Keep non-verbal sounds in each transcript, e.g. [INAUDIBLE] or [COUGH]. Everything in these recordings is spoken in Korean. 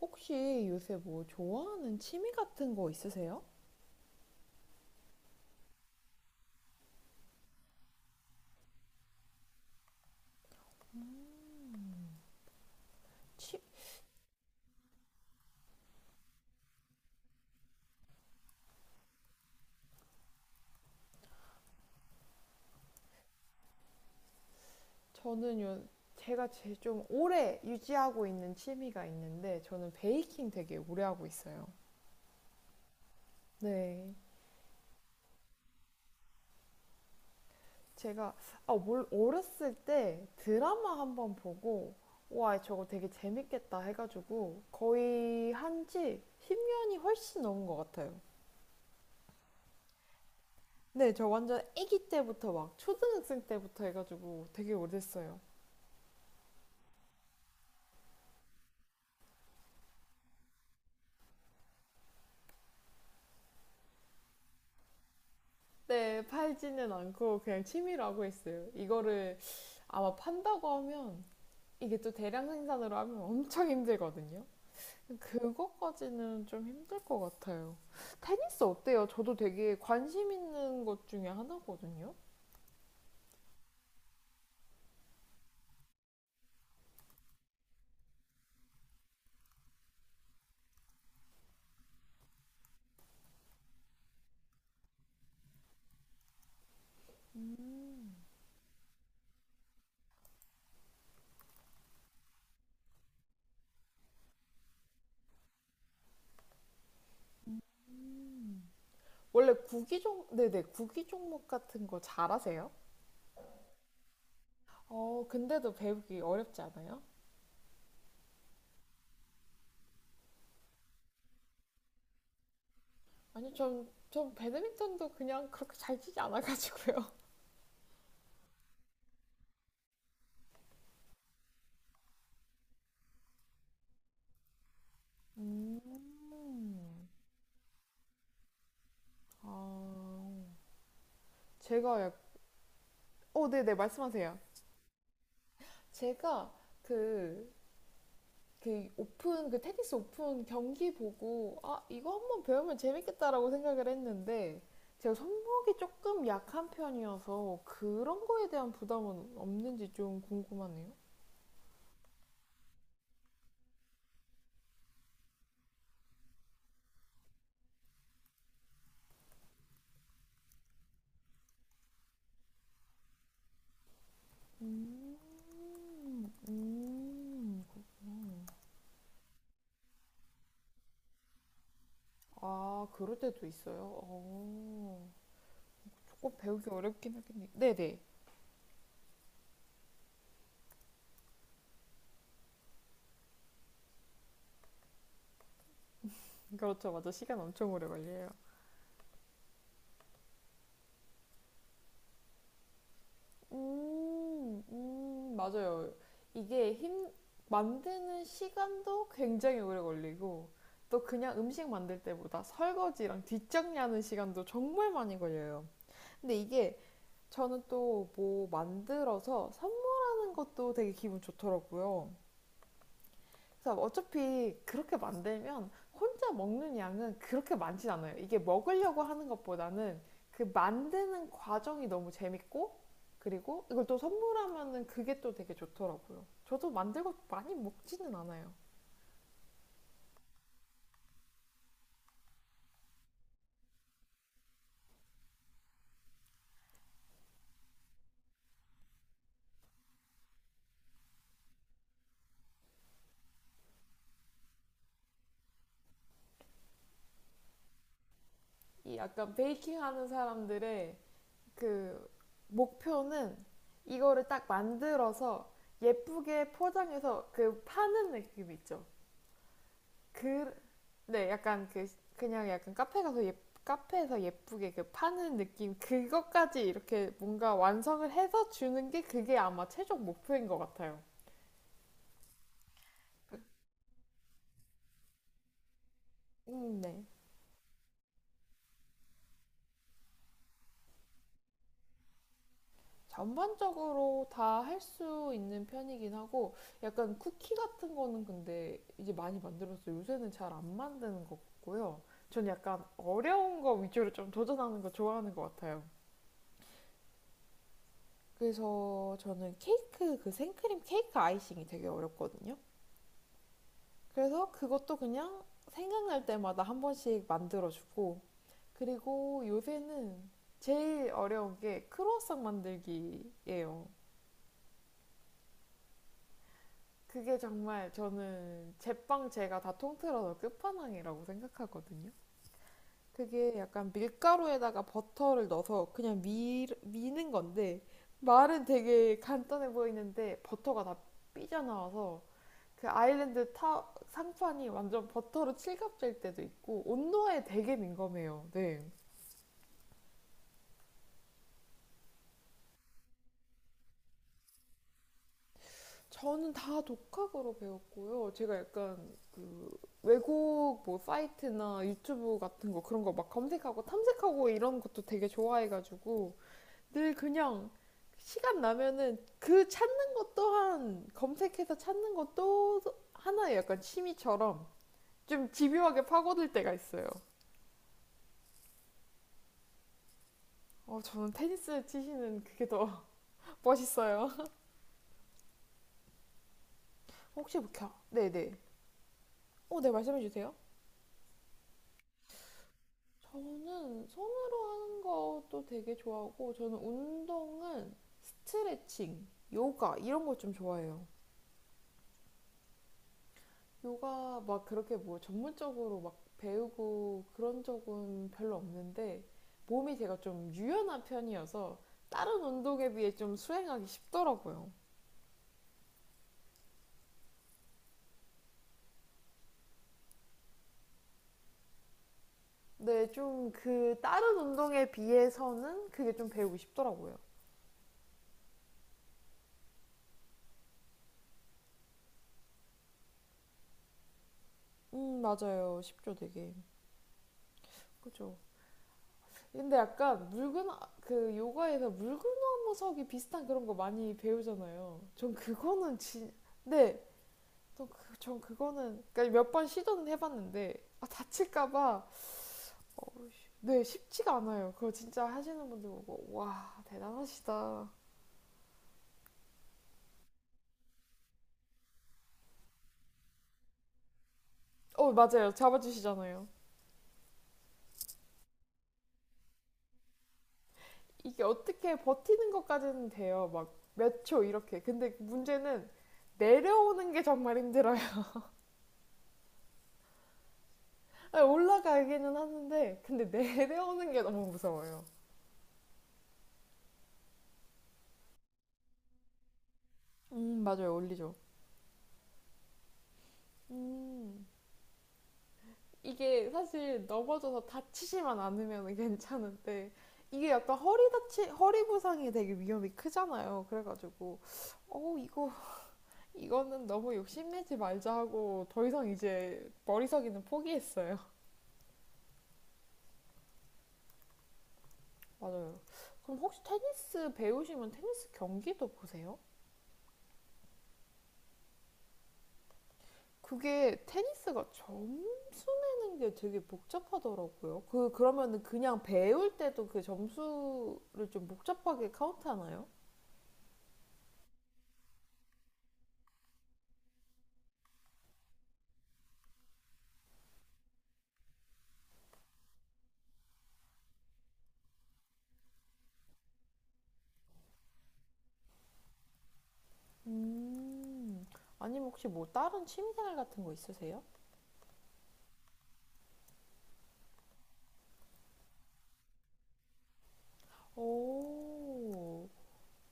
혹시 요새 뭐 좋아하는 취미 같은 거 있으세요? 취, 저는 제가 제 좀 오래 유지하고 있는 취미가 있는데, 저는 베이킹 되게 오래 하고 있어요. 네. 제가, 어렸을 때 드라마 한번 보고, 와, 저거 되게 재밌겠다 해가지고, 거의 한 지 10년이 훨씬 넘은 것 같아요. 네, 저 완전 아기 때부터 막 초등학생 때부터 해가지고 되게 오래됐어요. 네, 팔지는 않고 그냥 취미로 하고 있어요. 이거를 아마 판다고 하면 이게 또 대량 생산으로 하면 엄청 힘들거든요. 그거까지는 좀 힘들 것 같아요. 테니스 어때요? 저도 되게 관심 있는 것 중에 하나거든요. 원래 네네, 구기 종목 같은 거 잘하세요? 어, 근데도 배우기 어렵지 않아요? 아니, 전 배드민턴도 그냥 그렇게 잘 치지 않아가지고요. [LAUGHS] 음, 아, 제가 어, 네네, 말씀하세요. 제가 그, 그 테니스 오픈 경기 보고, 아, 이거 한번 배우면 재밌겠다라고 생각을 했는데, 제가 손목이 조금 약한 편이어서 그런 거에 대한 부담은 없는지 좀 궁금하네요. 음, 음. 아, 그럴 때도 있어요. 어, 조금 배우기 어렵긴 하겠네요. 네네. 그렇죠, 맞아. 시간 엄청 오래 걸려요. 맞아요. 이게 힘, 만드는 시간도 굉장히 오래 걸리고, 또 그냥 음식 만들 때보다 설거지랑 뒷정리하는 시간도 정말 많이 걸려요. 근데 이게 저는 또 뭐 만들어서 선물하는 것도 되게 기분 좋더라고요. 그래서 어차피 그렇게 만들면 혼자 먹는 양은 그렇게 많진 않아요. 이게 먹으려고 하는 것보다는 그 만드는 과정이 너무 재밌고 그리고 이걸 또 선물하면은 그게 또 되게 좋더라고요. 저도 만들고 많이 먹지는 않아요. 이 약간 베이킹 하는 사람들의 그 목표는 이거를 딱 만들어서 예쁘게 포장해서 그 파는 느낌 있죠. 그, 네, 약간 그냥 약간 카페에서 예쁘게 그 파는 느낌, 그것까지 이렇게 뭔가 완성을 해서 주는 게 그게 아마 최종 목표인 것 같아요. 네. 전반적으로 다 할 수 있는 편이긴 하고, 약간 쿠키 같은 거는 근데 이제 많이 만들어서 요새는 잘 안 만드는 것 같고요. 전 약간 어려운 거 위주로 좀 도전하는 거 좋아하는 것 같아요. 그래서 저는 그 생크림 케이크 아이싱이 되게 어렵거든요. 그래서 그것도 그냥 생각날 때마다 한 번씩 만들어주고, 그리고 요새는 제일 어려운 게 크로아상 만들기예요. 그게 정말 저는 제빵 제가 다 통틀어서 끝판왕이라고 생각하거든요. 그게 약간 밀가루에다가 버터를 넣어서 그냥 미는 건데, 말은 되게 간단해 보이는데 버터가 다 삐져나와서 그 아일랜드 타 상판이 완전 버터로 칠갑질 때도 있고 온도에 되게 민감해요. 네. 저는 다 독학으로 배웠고요. 제가 약간 그 외국 뭐 사이트나 유튜브 같은 거 그런 거 막 검색하고 탐색하고 이런 것도 되게 좋아해가지고 늘 그냥 시간 나면은 그 찾는 것 또한 검색해서 찾는 것도 하나의 약간 취미처럼 좀 집요하게 파고들 때가 있어요. 어, 저는 테니스 치시는 그게 더 멋있어요. [LAUGHS] 혹시 뭐 네네. 어, 네 말씀해 주세요. 저는 손으로 하는 것도 되게 좋아하고 저는 운동은 스트레칭, 요가 이런 거 좀 좋아해요. 요가 막 그렇게 뭐 전문적으로 막 배우고 그런 적은 별로 없는데 몸이 제가 좀 유연한 편이어서 다른 운동에 비해 좀 수행하기 쉽더라고요. 네, 좀 그 다른 운동에 비해서는 그게 좀 배우기 쉽더라고요. 맞아요. 쉽죠, 되게. 그죠. 근데 약간 물구나 그 요가에서 물구나무서기 비슷한 그런 거 많이 배우잖아요. 전 그거는 진 네. 전 그거는 그러니까 몇 번 시도는 해봤는데 아, 다칠까 봐 어 네 쉽지가 않아요. 그거 진짜 하시는 분들 보고 와 대단하시다. 어 맞아요 잡아주시잖아요. 이게 어떻게 버티는 것까지는 돼요. 막 몇 초 이렇게. 근데 문제는 내려오는 게 정말 힘들어요. 아니, 올라가기는 하는데 근데 [LAUGHS] 내려오는 게 너무 무서워요. 맞아요 올리죠. 음 이게 사실 넘어져서 다치지만 않으면 [LAUGHS] 괜찮은데 이게 약간 허리 부상이 되게 위험이 크잖아요. 그래가지고 어 이거는 너무 욕심내지 말자 하고 더 이상 이제 머리서기는 포기했어요. 맞아요. 그럼 혹시 테니스 배우시면 테니스 경기도 보세요? 그게 테니스가 점수 내는 게 되게 복잡하더라고요. 그 그러면은 그냥 배울 때도 그 점수를 좀 복잡하게 카운트하나요? 음. 아니면 혹시 뭐 다른 취미생활 같은 거 있으세요? 오.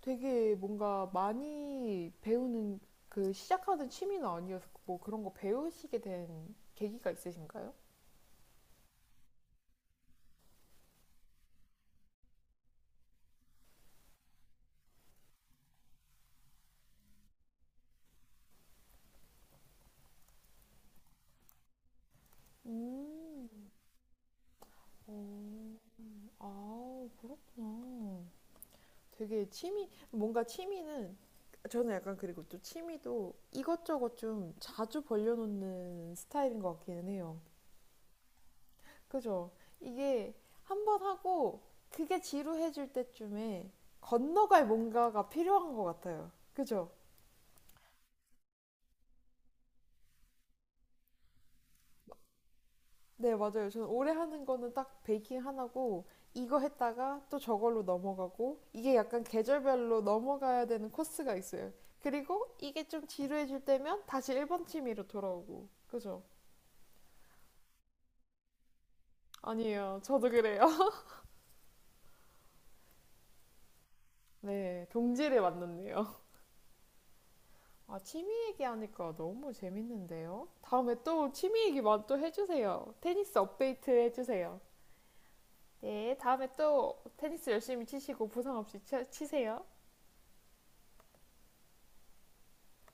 되게 뭔가 많이 배우는 그 시작하는 취미는 아니어서 뭐 그런 거 배우시게 된 계기가 있으신가요? 음. 오. 아, 그렇구나. 되게 취미 뭔가 취미는 저는 약간 그리고 또 취미도 이것저것 좀 자주 벌려놓는 스타일인 것 같기는 해요. 그죠? 이게 한번 하고 그게 지루해질 때쯤에 건너갈 뭔가가 필요한 것 같아요. 그죠? 네, 맞아요. 저는 오래 하는 거는 딱 베이킹 하나고 이거 했다가 또 저걸로 넘어가고 이게 약간 계절별로 넘어가야 되는 코스가 있어요. 그리고 이게 좀 지루해질 때면 다시 1번 취미로 돌아오고. 그죠? 아니에요. 저도 그래요. [LAUGHS] 네, 동지를 만났네요. 아, 취미 얘기하니까 너무 재밌는데요? 다음에 또 취미 얘기만 또 해주세요. 테니스 업데이트 해주세요. 네, 다음에 또 테니스 열심히 치시고 부상 없이 치, 치세요.